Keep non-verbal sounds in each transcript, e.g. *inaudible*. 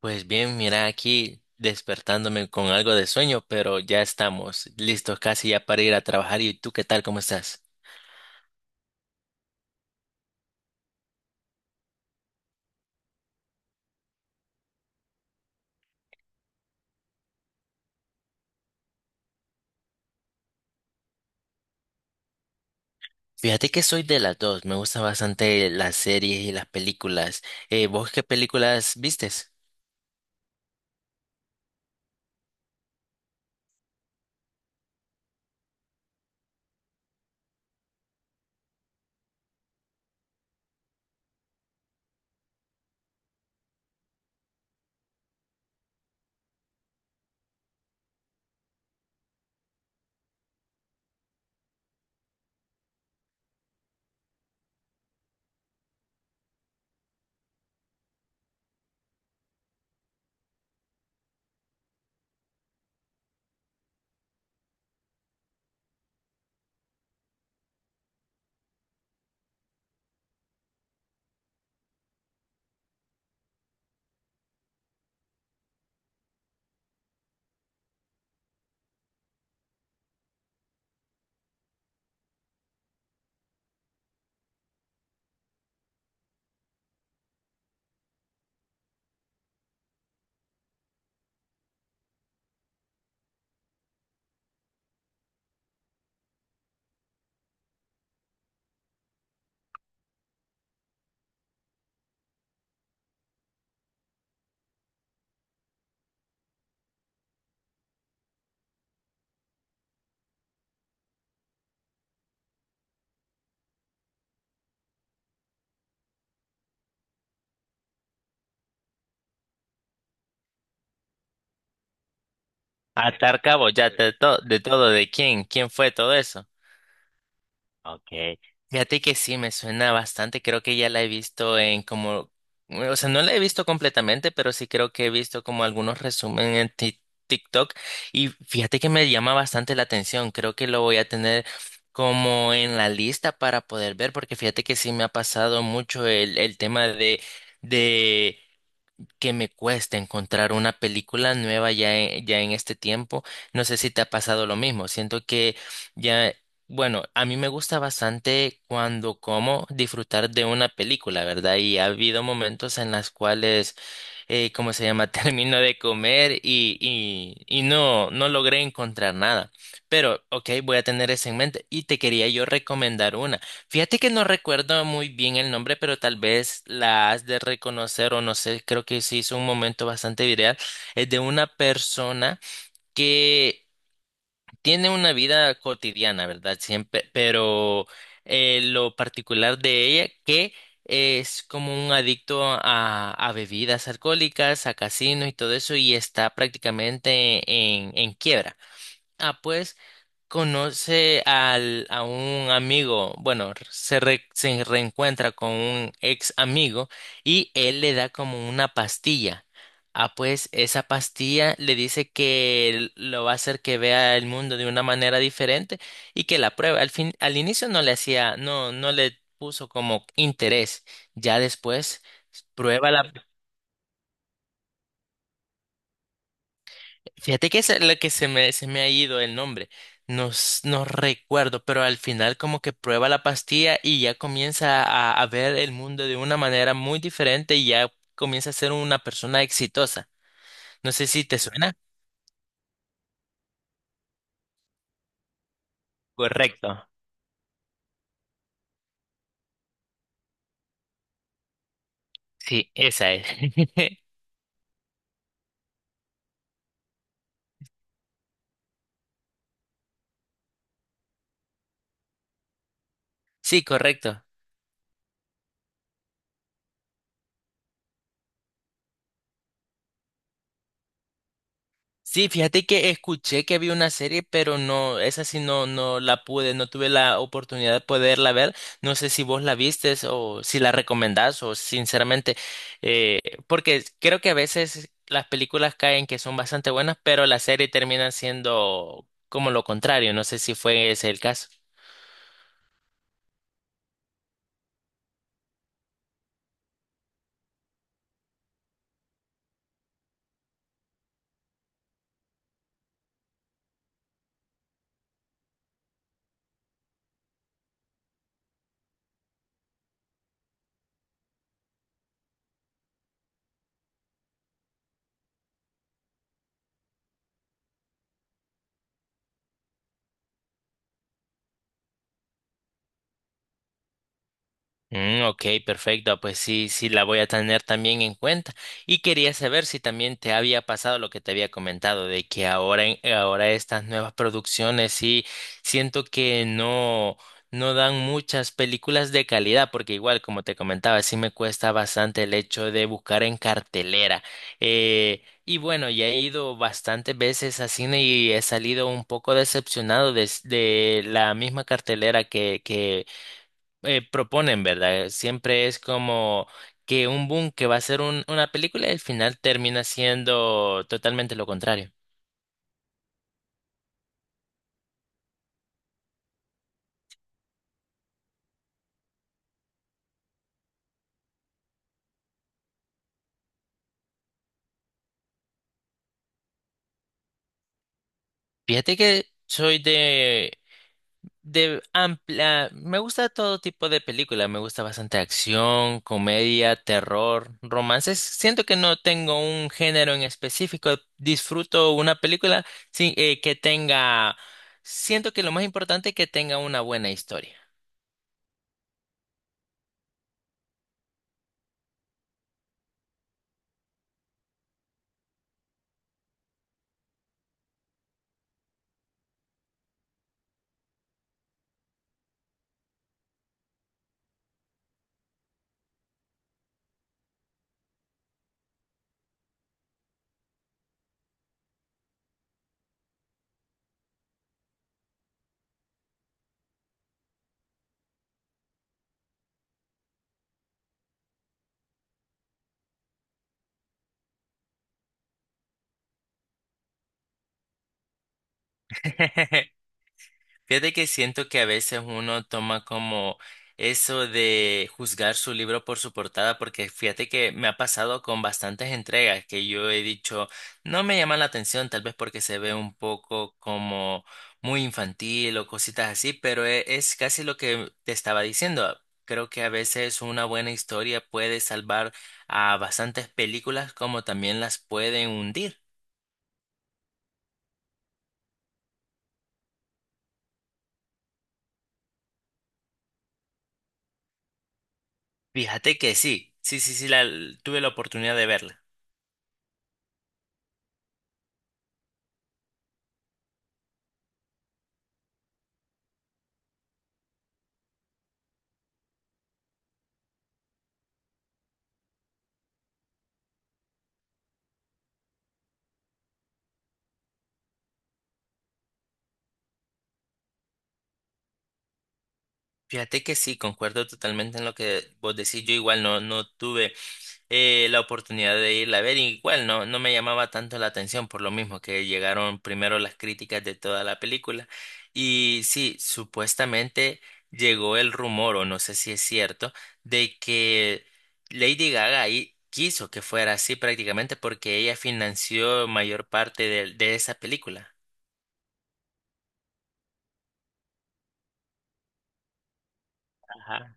Pues bien, mira aquí despertándome con algo de sueño, pero ya estamos listos casi ya para ir a trabajar. ¿Y tú qué tal? ¿Cómo estás? Fíjate que soy de las dos, me gustan bastante las series y las películas. ¿Vos qué películas vistes? Atar cabo, ya de todo, de quién fue todo eso. Ok, fíjate que sí, me suena bastante, creo que ya la he visto o sea, no la he visto completamente, pero sí creo que he visto como algunos resúmenes en TikTok y fíjate que me llama bastante la atención, creo que lo voy a tener como en la lista para poder ver, porque fíjate que sí me ha pasado mucho el tema de que me cuesta encontrar una película nueva ya en este tiempo. No sé si te ha pasado lo mismo. Siento que ya, bueno, a mí me gusta bastante cuando como disfrutar de una película, ¿verdad? Y ha habido momentos en las cuales ¿cómo se llama? *laughs* Termino de comer y no logré encontrar nada. Pero, ok, voy a tener eso en mente. Y te quería yo recomendar una. Fíjate que no recuerdo muy bien el nombre, pero tal vez la has de reconocer o no sé, creo que se hizo un momento bastante viral. Es de una persona que tiene una vida cotidiana, ¿verdad? Siempre, pero lo particular de ella que es como un adicto a bebidas alcohólicas, a casinos y todo eso, y está prácticamente en quiebra. Ah, pues conoce a un amigo, bueno, se reencuentra con un ex amigo y él le da como una pastilla. Ah, pues esa pastilla le dice que lo va a hacer que vea el mundo de una manera diferente y que la pruebe. Al fin, al inicio no le hacía, no le puso como interés. Ya después prueba la, fíjate que es lo que se me ha ido el nombre. No, no recuerdo, pero al final como que prueba la pastilla y ya comienza a ver el mundo de una manera muy diferente y ya comienza a ser una persona exitosa. No sé si te suena. Correcto. Sí, esa es. *laughs* Sí, correcto. Sí, fíjate que escuché que había una serie, pero no, esa sí no, no la pude, no tuve la oportunidad de poderla ver. No sé si vos la vistes o si la recomendás o sinceramente, eh, porque creo que a veces las películas caen que son bastante buenas, pero la serie termina siendo como lo contrario. No sé si fue ese el caso. Mm, ok, perfecto. Pues sí, sí, la voy a tener también en cuenta. Y quería saber si también te había pasado lo que te había comentado, de que ahora estas nuevas producciones sí siento que no, no dan muchas películas de calidad, porque igual, como te comentaba, sí me cuesta bastante el hecho de buscar en cartelera. Y bueno, ya he ido bastantes veces a cine y he salido un poco decepcionado de la misma cartelera que proponen, ¿verdad? Siempre es como que un boom que va a ser una película y al final termina siendo totalmente lo contrario. Fíjate que soy de amplia, me gusta todo tipo de película, me gusta bastante acción, comedia, terror, romances. Siento que no tengo un género en específico, disfruto una película sin, que tenga, siento que lo más importante es que tenga una buena historia. *laughs* Fíjate que siento que a veces uno toma como eso de juzgar su libro por su portada, porque fíjate que me ha pasado con bastantes entregas que yo he dicho, no me llama la atención, tal vez porque se ve un poco como muy infantil o cositas así, pero es casi lo que te estaba diciendo. Creo que a veces una buena historia puede salvar a bastantes películas como también las pueden hundir. Fíjate que sí, tuve la oportunidad de verla. Fíjate que sí, concuerdo totalmente en lo que vos decís. Yo igual no, no tuve la oportunidad de irla a ver, y igual no, no me llamaba tanto la atención por lo mismo que llegaron primero las críticas de toda la película. Y sí, supuestamente llegó el rumor, o no sé si es cierto, de que Lady Gaga ahí quiso que fuera así prácticamente porque ella financió mayor parte de esa película. Ajá.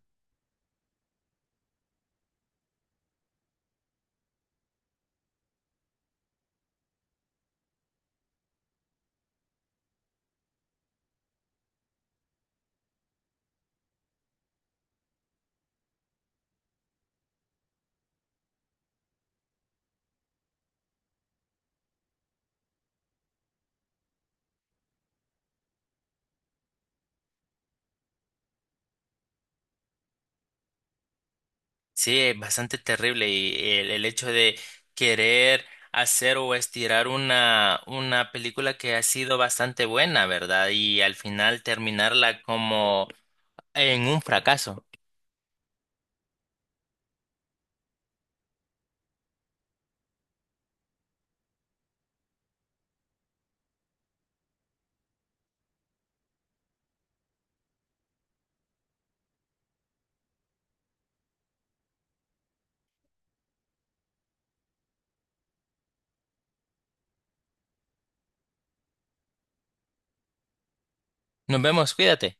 Sí, es bastante terrible y el hecho de querer hacer o estirar una película que ha sido bastante buena, ¿verdad? Y al final terminarla como en un fracaso. Nos vemos, cuídate.